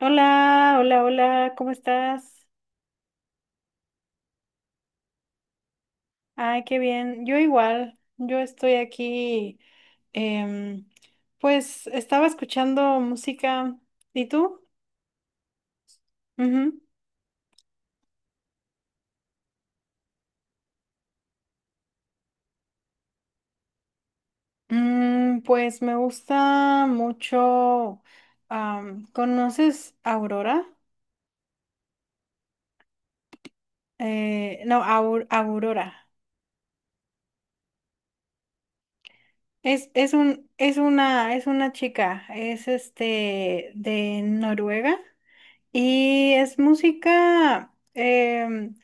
Hola, hola, hola, ¿cómo estás? Ay, qué bien. Yo igual, yo estoy aquí, em, pues estaba escuchando música. ¿Y tú? Ujú. Pues me gusta mucho. ¿Conoces Aurora? No, Aurora. Es una chica, es este de Noruega y es música.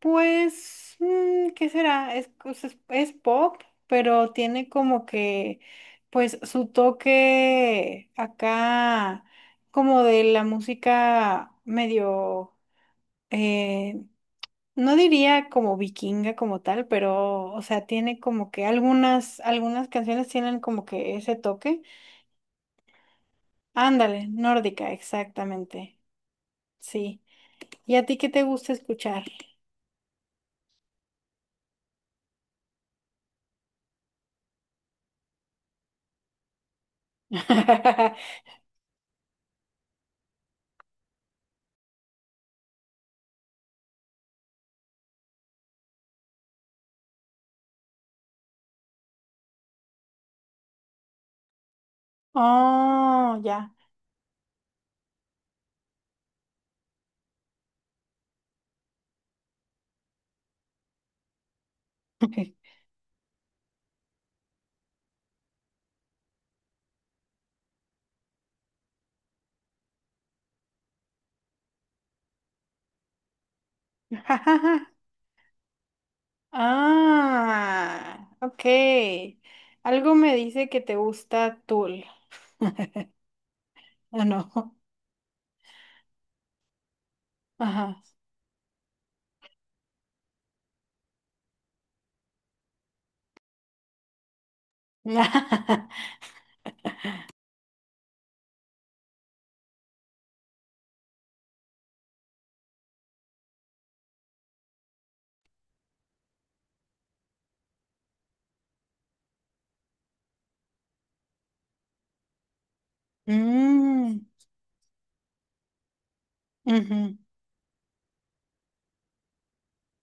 Pues, ¿qué será? Es pop, pero tiene como que, pues, su toque acá, como de la música medio, eh, no diría como vikinga como tal, pero, o sea, tiene como que algunas canciones tienen como que ese toque. Ándale, nórdica, exactamente. Sí. ¿Y a ti qué te gusta escuchar? Oh, ya. Ah, ok. Algo me dice que te gusta Tool. Ah, no. Ajá. Mm, ujú.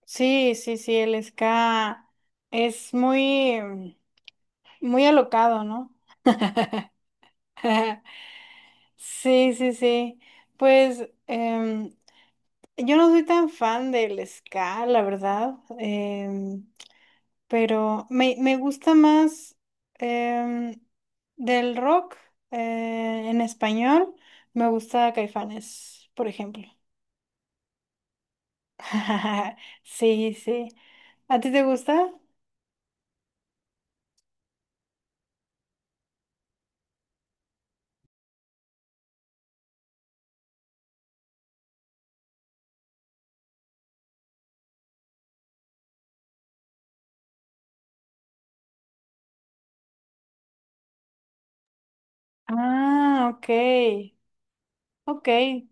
Sí, sí, sí, el ska es muy, muy alocado, ¿no? Sí, sí, sí. Pues yo no soy tan fan del ska, la verdad. Me gusta más em, del rock en español, me gusta Caifanes, por ejemplo. Sí, sí. ¿A ti te gusta? Ah, ok, ok.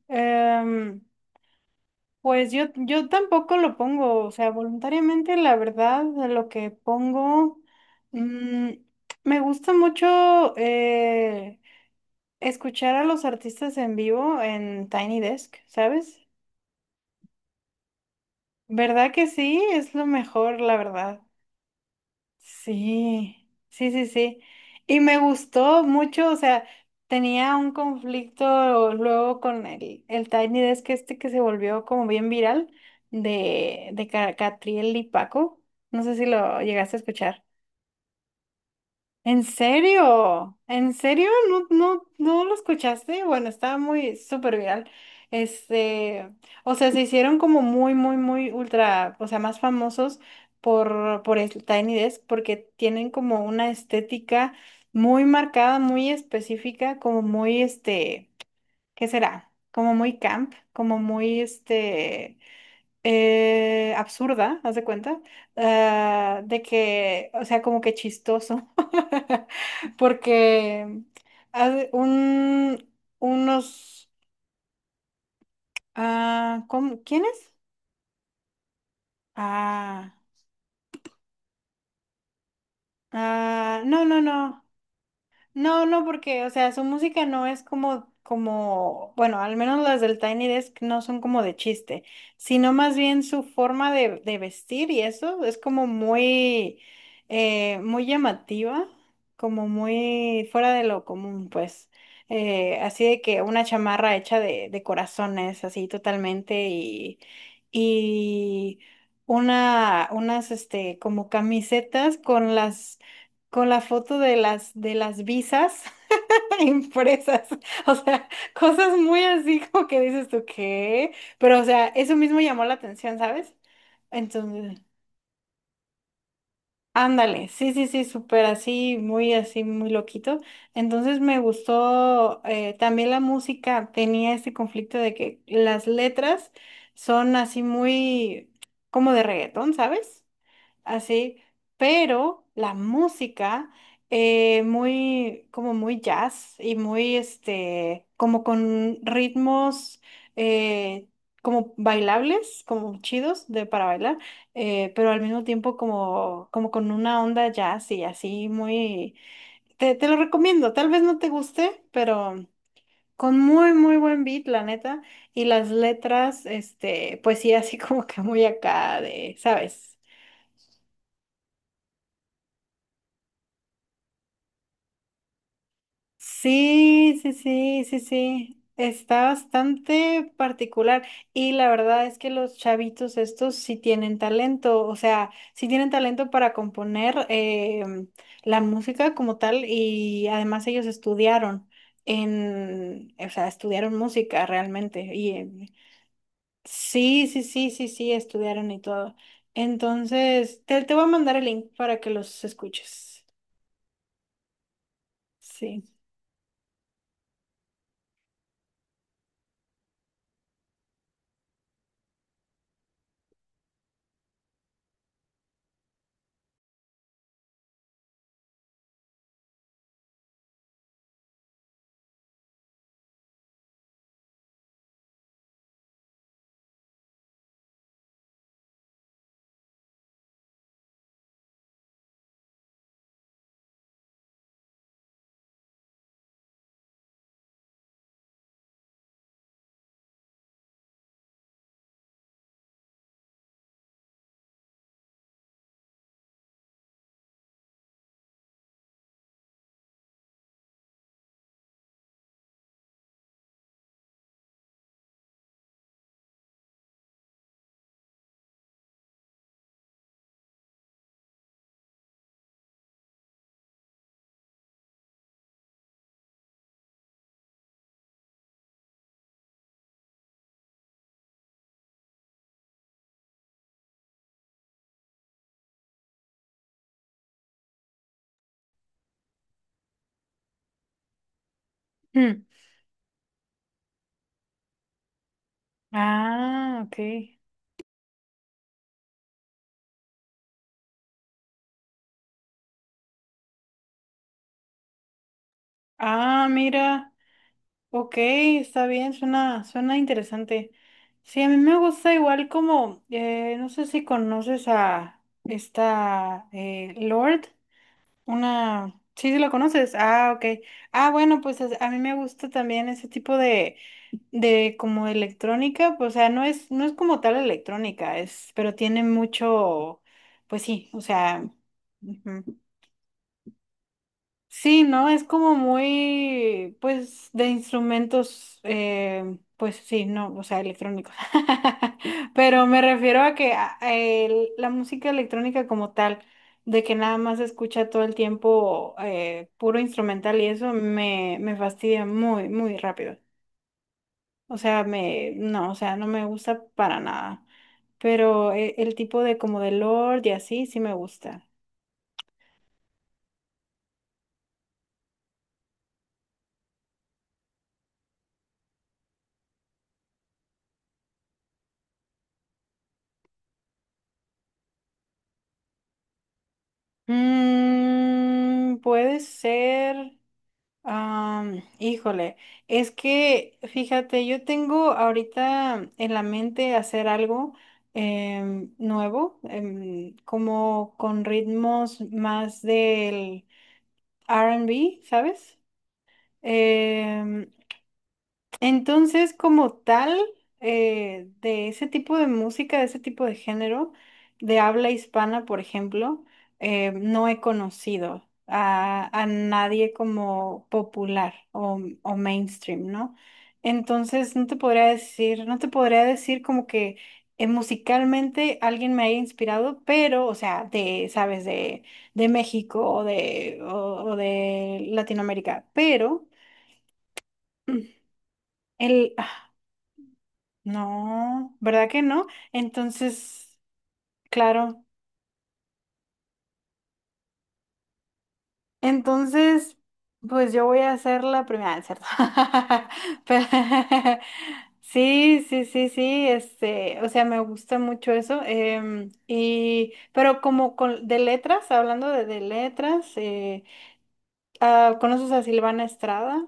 Em, yo tampoco lo pongo, o sea, voluntariamente, la verdad, lo que pongo, mm, me gusta mucho, escuchar a los artistas en vivo en Tiny Desk, ¿sabes? ¿Verdad que sí? Es lo mejor, la verdad. Sí, sí, sí, sí. Y me gustó mucho, o sea, tenía un conflicto luego con el Tiny Desk este que se volvió como bien viral de Catriel y Paco. No sé si lo llegaste a escuchar. ¿En serio? ¿En serio? ¿ no lo escuchaste? Bueno, estaba muy súper viral. Este, o sea, se hicieron como muy, muy, muy ultra, o sea, más famosos por Tiny Desk porque tienen como una estética muy marcada, muy específica, como muy, este, ¿qué será? Como muy camp, como muy, este absurda, haz de cuenta, ah, de que, o sea, como que chistoso, porque haz de- un, unos, ah, ¿cómo? ¿Quiénes? Ah, ah, no, no, no. No, no, porque, o sea, su música no es como, como, bueno, al menos las del Tiny Desk no son como de chiste, sino más bien su forma de vestir y eso es como muy, muy llamativa, como muy fuera de lo común, pues. Así de que una chamarra hecha de corazones, así totalmente, y este, como camisetas con las con la foto de las visas impresas, o sea, cosas muy así como que dices tú qué, pero o sea, eso mismo llamó la atención, ¿sabes? Entonces, ándale, sí, sí, sí, súper así, muy loquito. Entonces me gustó también la música, tenía este conflicto de que las letras son así muy como de reggaetón, ¿sabes? Así, pero la música como muy jazz y muy, este, como con ritmos eh, como bailables, como chidos de para bailar, pero al mismo tiempo como, como con una onda jazz y así muy, te lo recomiendo, tal vez no te guste, pero con muy, muy buen beat, la neta, y las letras, este, pues sí, así como que muy acá de, ¿sabes? Sí, sí, sí, sí, sí. Está bastante particular y la verdad es que los chavitos estos sí tienen talento, o sea, sí tienen talento para componer la música como tal y además ellos estudiaron en, o sea, estudiaron música realmente y sí, sí, sí, sí, sí, estudiaron y todo. Entonces, te voy a mandar el link para que los escuches. Sí. Mm. Ah, ok. Ah, mira, ok, está bien, suena, suena interesante. Sí, a mí me gusta igual como, no sé si conoces a esta Lord, una, sí, sí la conoces, ah, ok. Ah, bueno, a mí me gusta también ese tipo de como electrónica, pues, o sea, no es como tal electrónica, es, pero tiene mucho, pues sí, o sea, ujú. Sí, ¿no? Es como muy, pues, de instrumentos, pues sí, no, o sea, electrónicos. Pero me refiero a que la música electrónica como tal, de que nada más se escucha todo el tiempo puro instrumental y eso me fastidia muy, muy rápido. O sea, no, o sea, no me gusta para nada. Pero el tipo de como de Lord y así, sí me gusta. Mm, puede ser. Híjole, es que fíjate, yo tengo ahorita en la mente hacer algo nuevo, como con ritmos más del R&B, ¿sabes? Em, entonces, como tal, de ese tipo de música, de ese tipo de género, de habla hispana, por ejemplo, no he conocido a nadie como popular o mainstream, ¿no? Entonces, no te podría decir como que musicalmente alguien me haya inspirado, pero, o sea, de, sabes, de México o de Latinoamérica, pero... El, no, ¿verdad que no? Entonces, claro. Entonces, pues yo voy a hacer la primera, ah, es ¿cierto? Pero sí, sí, sí, sí, este, o sea, me gusta mucho eso. Y, pero como con, de letras, hablando de letras, ah, ¿conoces a Silvana Estrada?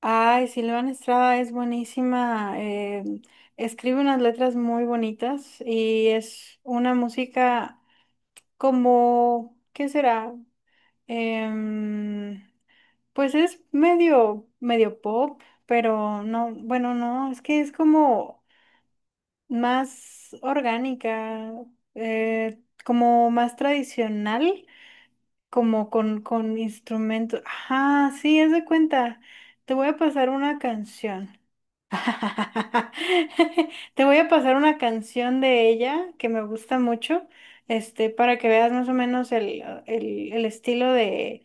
Ay, Silvana Estrada es buenísima. Escribe unas letras muy bonitas y es una música. Como, ¿qué será? Em, pues es medio, medio pop, pero no, bueno, no, es que es como más orgánica, eh, como más tradicional, como con instrumentos. Ajá, sí, es de cuenta. Te voy a pasar una canción. Te voy a pasar una canción de ella que me gusta mucho, este, para que veas más o menos el estilo de,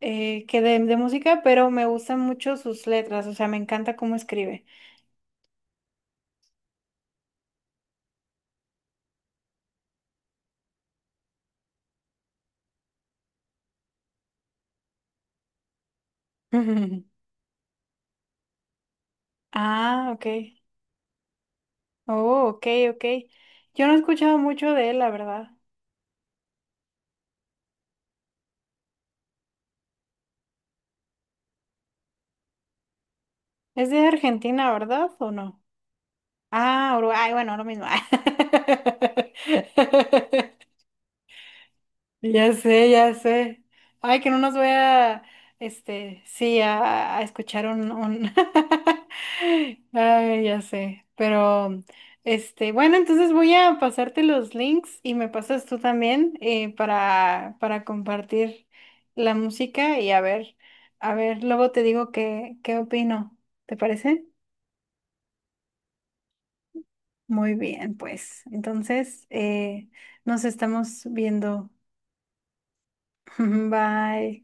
que de música, pero me gustan mucho sus letras, o sea, me encanta cómo escribe. Ah, ok. Oh, ok, ok. Yo no he escuchado mucho de él, la verdad. Es de Argentina, ¿verdad? ¿O no? Ah, Uruguay, bueno, lo mismo. Ya sé, ya sé. Ay, que no nos voy a, este, sí, a escuchar un... Ay, ya sé. Pero, este, bueno, entonces voy a pasarte los links y me pasas tú también para compartir la música y a ver, luego te digo qué, qué opino. ¿Te parece? Muy bien, pues. Entonces, nos estamos viendo. Bye.